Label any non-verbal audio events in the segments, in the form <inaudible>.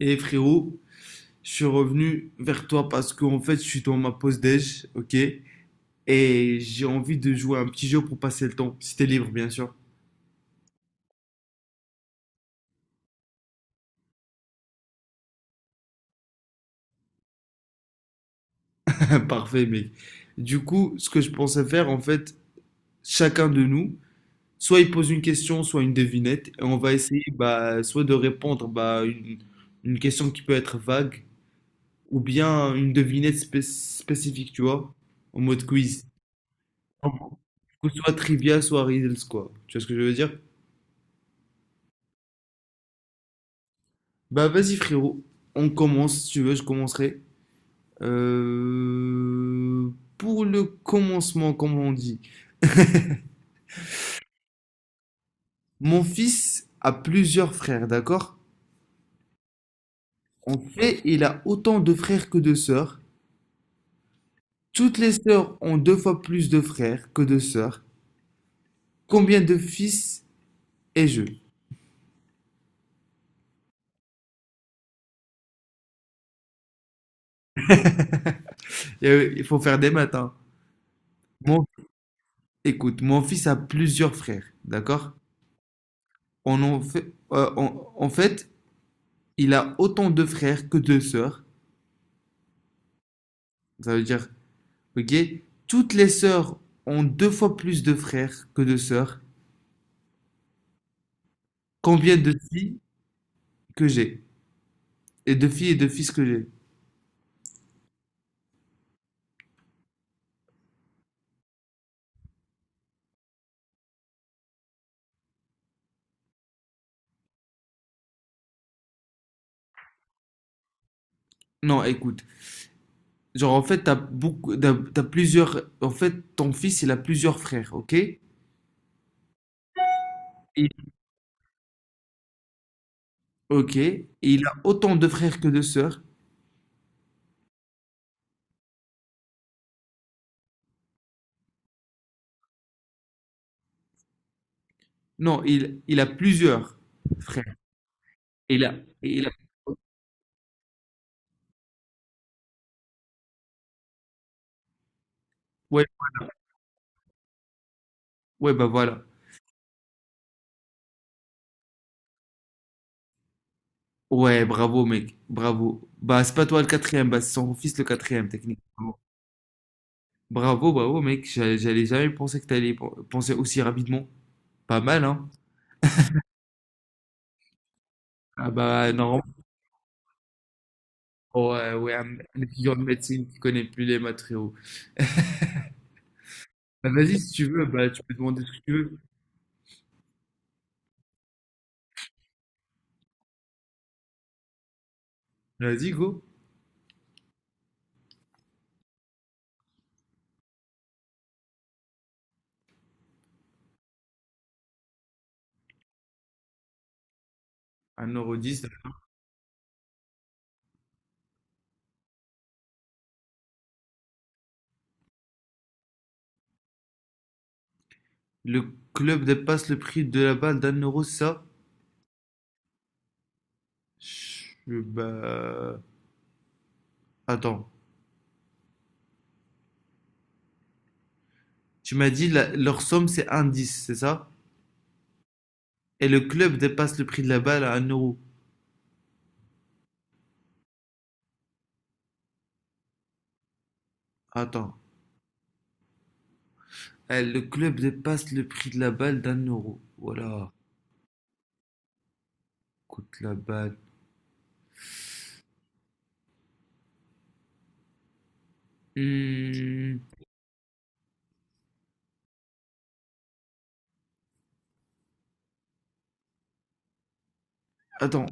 Et frérot, je suis revenu vers toi parce qu'en fait, je suis dans ma pause déj, ok? Et j'ai envie de jouer à un petit jeu pour passer le temps. Si t'es libre, bien sûr. <laughs> Parfait, mec. Du coup, ce que je pensais faire, en fait, chacun de nous, soit il pose une question, soit une devinette, et on va essayer, bah, soit de répondre, bah, une question qui peut être vague, ou bien une devinette spécifique, tu vois, en mode quiz. Du coup, soit trivia, soit riddles, quoi. Tu vois ce que je veux dire? Bah vas-y frérot, on commence, si tu veux, je commencerai. Pour le commencement, comme on dit, mon fils a plusieurs frères, d'accord? En fait, il a autant de frères que de sœurs. Toutes les sœurs ont deux fois plus de frères que de sœurs. Combien de fils ai-je? Il faut faire des maths, hein. Mon- Écoute, mon fils a plusieurs frères, d'accord? On en fait, en en fait, il a autant de frères que de sœurs. Ça veut dire Ok? Toutes les sœurs ont deux fois plus de frères que de sœurs. Combien de filles que j'ai? Et de filles et de fils que j'ai? Non, écoute. Genre, en fait, t'as beaucoup, t'as plusieurs. En fait, ton fils, il a plusieurs frères, ok? Il- ok. Et il a autant de frères que de sœurs. Non, il a plusieurs frères. Et il a, et il a. Ouais, ouais, bah voilà. Ouais, bravo, mec. Bravo. Bah, c'est pas toi le quatrième, bah, c'est son fils le quatrième, technique. Bravo, bravo, mec. J'allais jamais penser que t'allais penser aussi rapidement. Pas mal, hein? Ah bah, normalement, ouais, ouais, un étudiant de médecine qui connaît plus les matériaux. Bah, vas-y, si tu veux, bah, tu peux demander ce que tu veux. Vas-y, go. Un euro dix. Le club dépasse le prix de la balle d'un euro, c'est ça? Je- Bah, attends. Tu m'as dit, leur somme, c'est un dix, c'est ça? Et le club dépasse le prix de la balle à un euro. Attends. Eh, le club dépasse le prix de la balle d'un euro. Voilà. Coûte la balle. Hmm. Attends,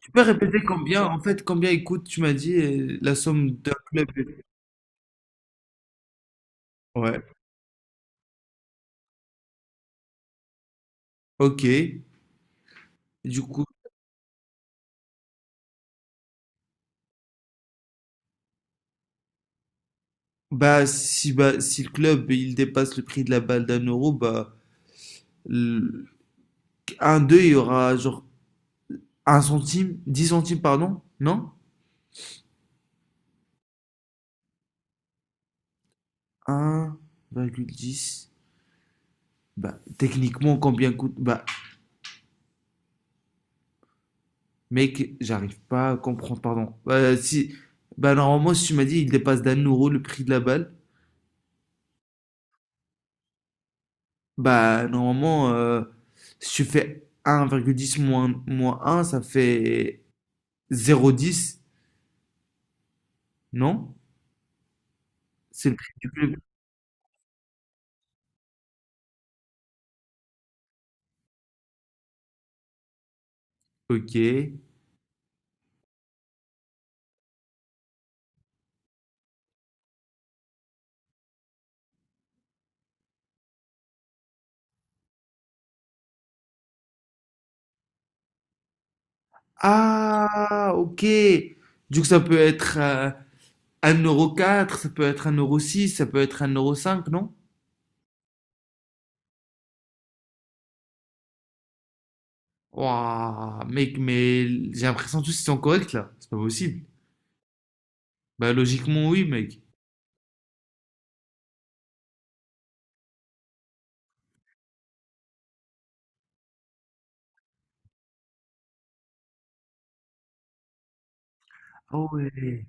tu peux répéter combien, en fait, combien il coûte, tu m'as dit, la somme d'un club. Ouais, ok. Du coup, bah, si le club il dépasse le prix de la balle d'un euro, bah, le- un 2 il y aura genre un centime, 10 centimes, pardon, non? Un virgule dix. Bah, techniquement, combien coûte? Bah, mec, j'arrive pas à comprendre, pardon. Bah, si, bah, normalement, si tu m'as dit, il dépasse d'un euro le prix de la balle, bah, normalement, si tu fais 1,10 moins un ça fait 0,10, non? C'est le prix du club. Ok. Ah, ok. Du coup, ça peut être un euro quatre, ça peut être un euro six, ça peut être un euro cinq, non? Waouh, mec, mais j'ai l'impression que tous ils sont corrects là. C'est pas possible. Bah, logiquement, oui, mec. Ah ouais.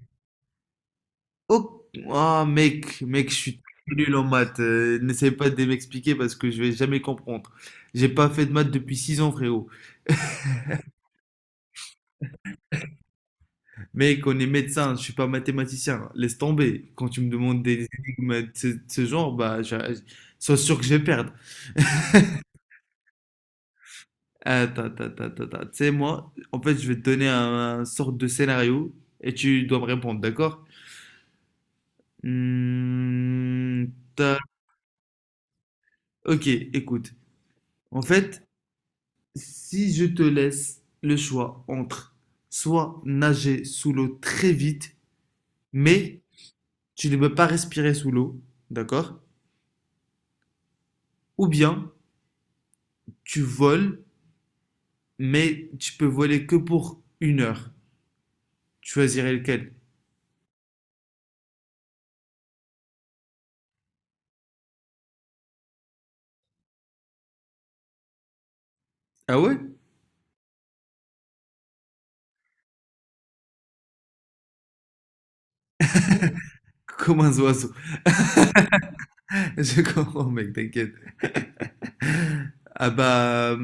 Oh, ah, mec, mec, je suis nul en maths. N'essaie pas de m'expliquer parce que je vais jamais comprendre. J'ai pas fait de maths depuis 6 ans, frérot. Mec, on est médecin, je suis pas mathématicien. Laisse tomber. Quand tu me demandes des énigmes de ce genre, bah, sois sûr que je vais perdre. Attends, attends, attends, attends, attends. Tu sais, moi, en fait, je vais te donner un sorte de scénario et tu dois me répondre, d'accord? Hmm, t'as- ok, écoute. En fait, si je te laisse le choix entre soit nager sous l'eau très vite, mais tu ne peux pas respirer sous l'eau, d'accord? Ou bien tu voles, mais tu peux voler que pour 1 heure. Tu choisirais lequel? Ah ouais? <laughs> Comme un oiseau. <laughs> Je comprends, mec, t'inquiète. Ah bah,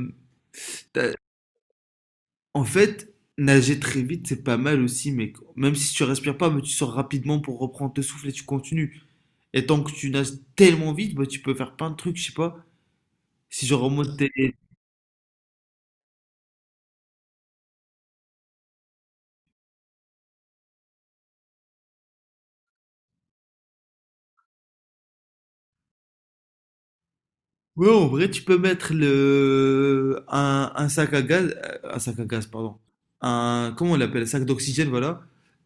en fait, nager très vite, c'est pas mal aussi, mec. Même si tu respires pas, mais tu sors rapidement pour reprendre le souffle et tu continues. Et tant que tu nages tellement vite, bah, tu peux faire plein de trucs, je sais pas. Si je remonte tes... Ouais, en vrai, tu peux mettre le... un sac à gaz, un sac à gaz, pardon. Un, comment on l'appelle? Un sac d'oxygène, voilà.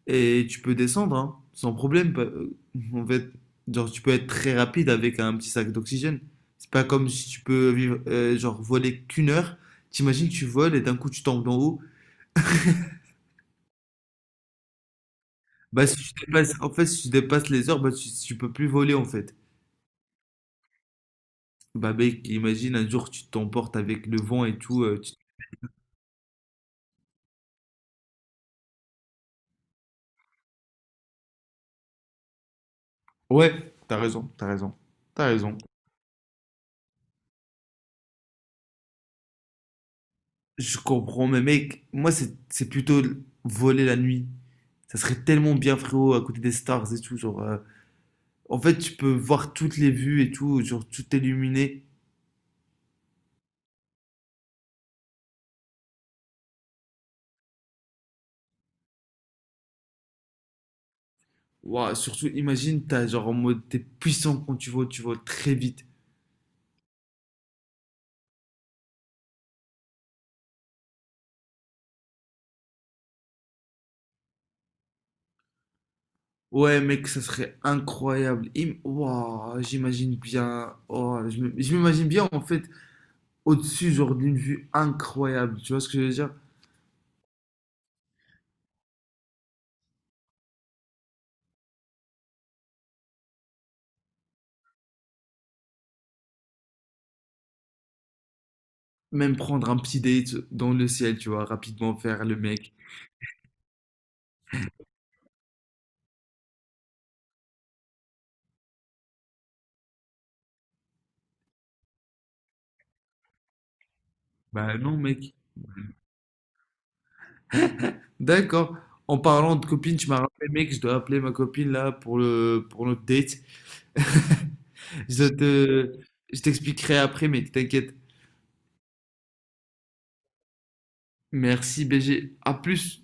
Et tu peux descendre, hein, sans problème. En fait, genre, tu peux être très rapide avec un petit sac d'oxygène. C'est pas comme si tu peux vivre, genre, voler qu'1 heure. T'imagines, tu voles et d'un coup, tu tombes d'en haut. Bah, si tu dépasses, en fait, si tu dépasses les heures, bah, tu peux plus voler, en fait. Bah mec, imagine un jour tu t'emportes avec le vent et tout. Ouais, t'as raison, t'as raison, t'as raison. Je comprends, mais mec, moi c'est plutôt voler la nuit. Ça serait tellement bien, frérot, à côté des stars et tout. Genre, en fait, tu peux voir toutes les vues et tout, genre tout illuminé. Ouah, surtout, imagine, t'as genre en mode, t'es puissant quand tu voles très vite. Ouais, mec, ça serait incroyable. Ouah, j'imagine bien. Oh, je m'imagine bien en fait au-dessus, genre, d'une vue incroyable. Tu vois ce que je veux dire? Même prendre un petit date dans le ciel, tu vois, rapidement faire le mec. Bah non, mec. D'accord. En parlant de copine, tu m'as rappelé, mec, je dois appeler ma copine là pour notre date. <laughs> Je te, je t'expliquerai après, mec, t'inquiète. Merci, BG. À plus.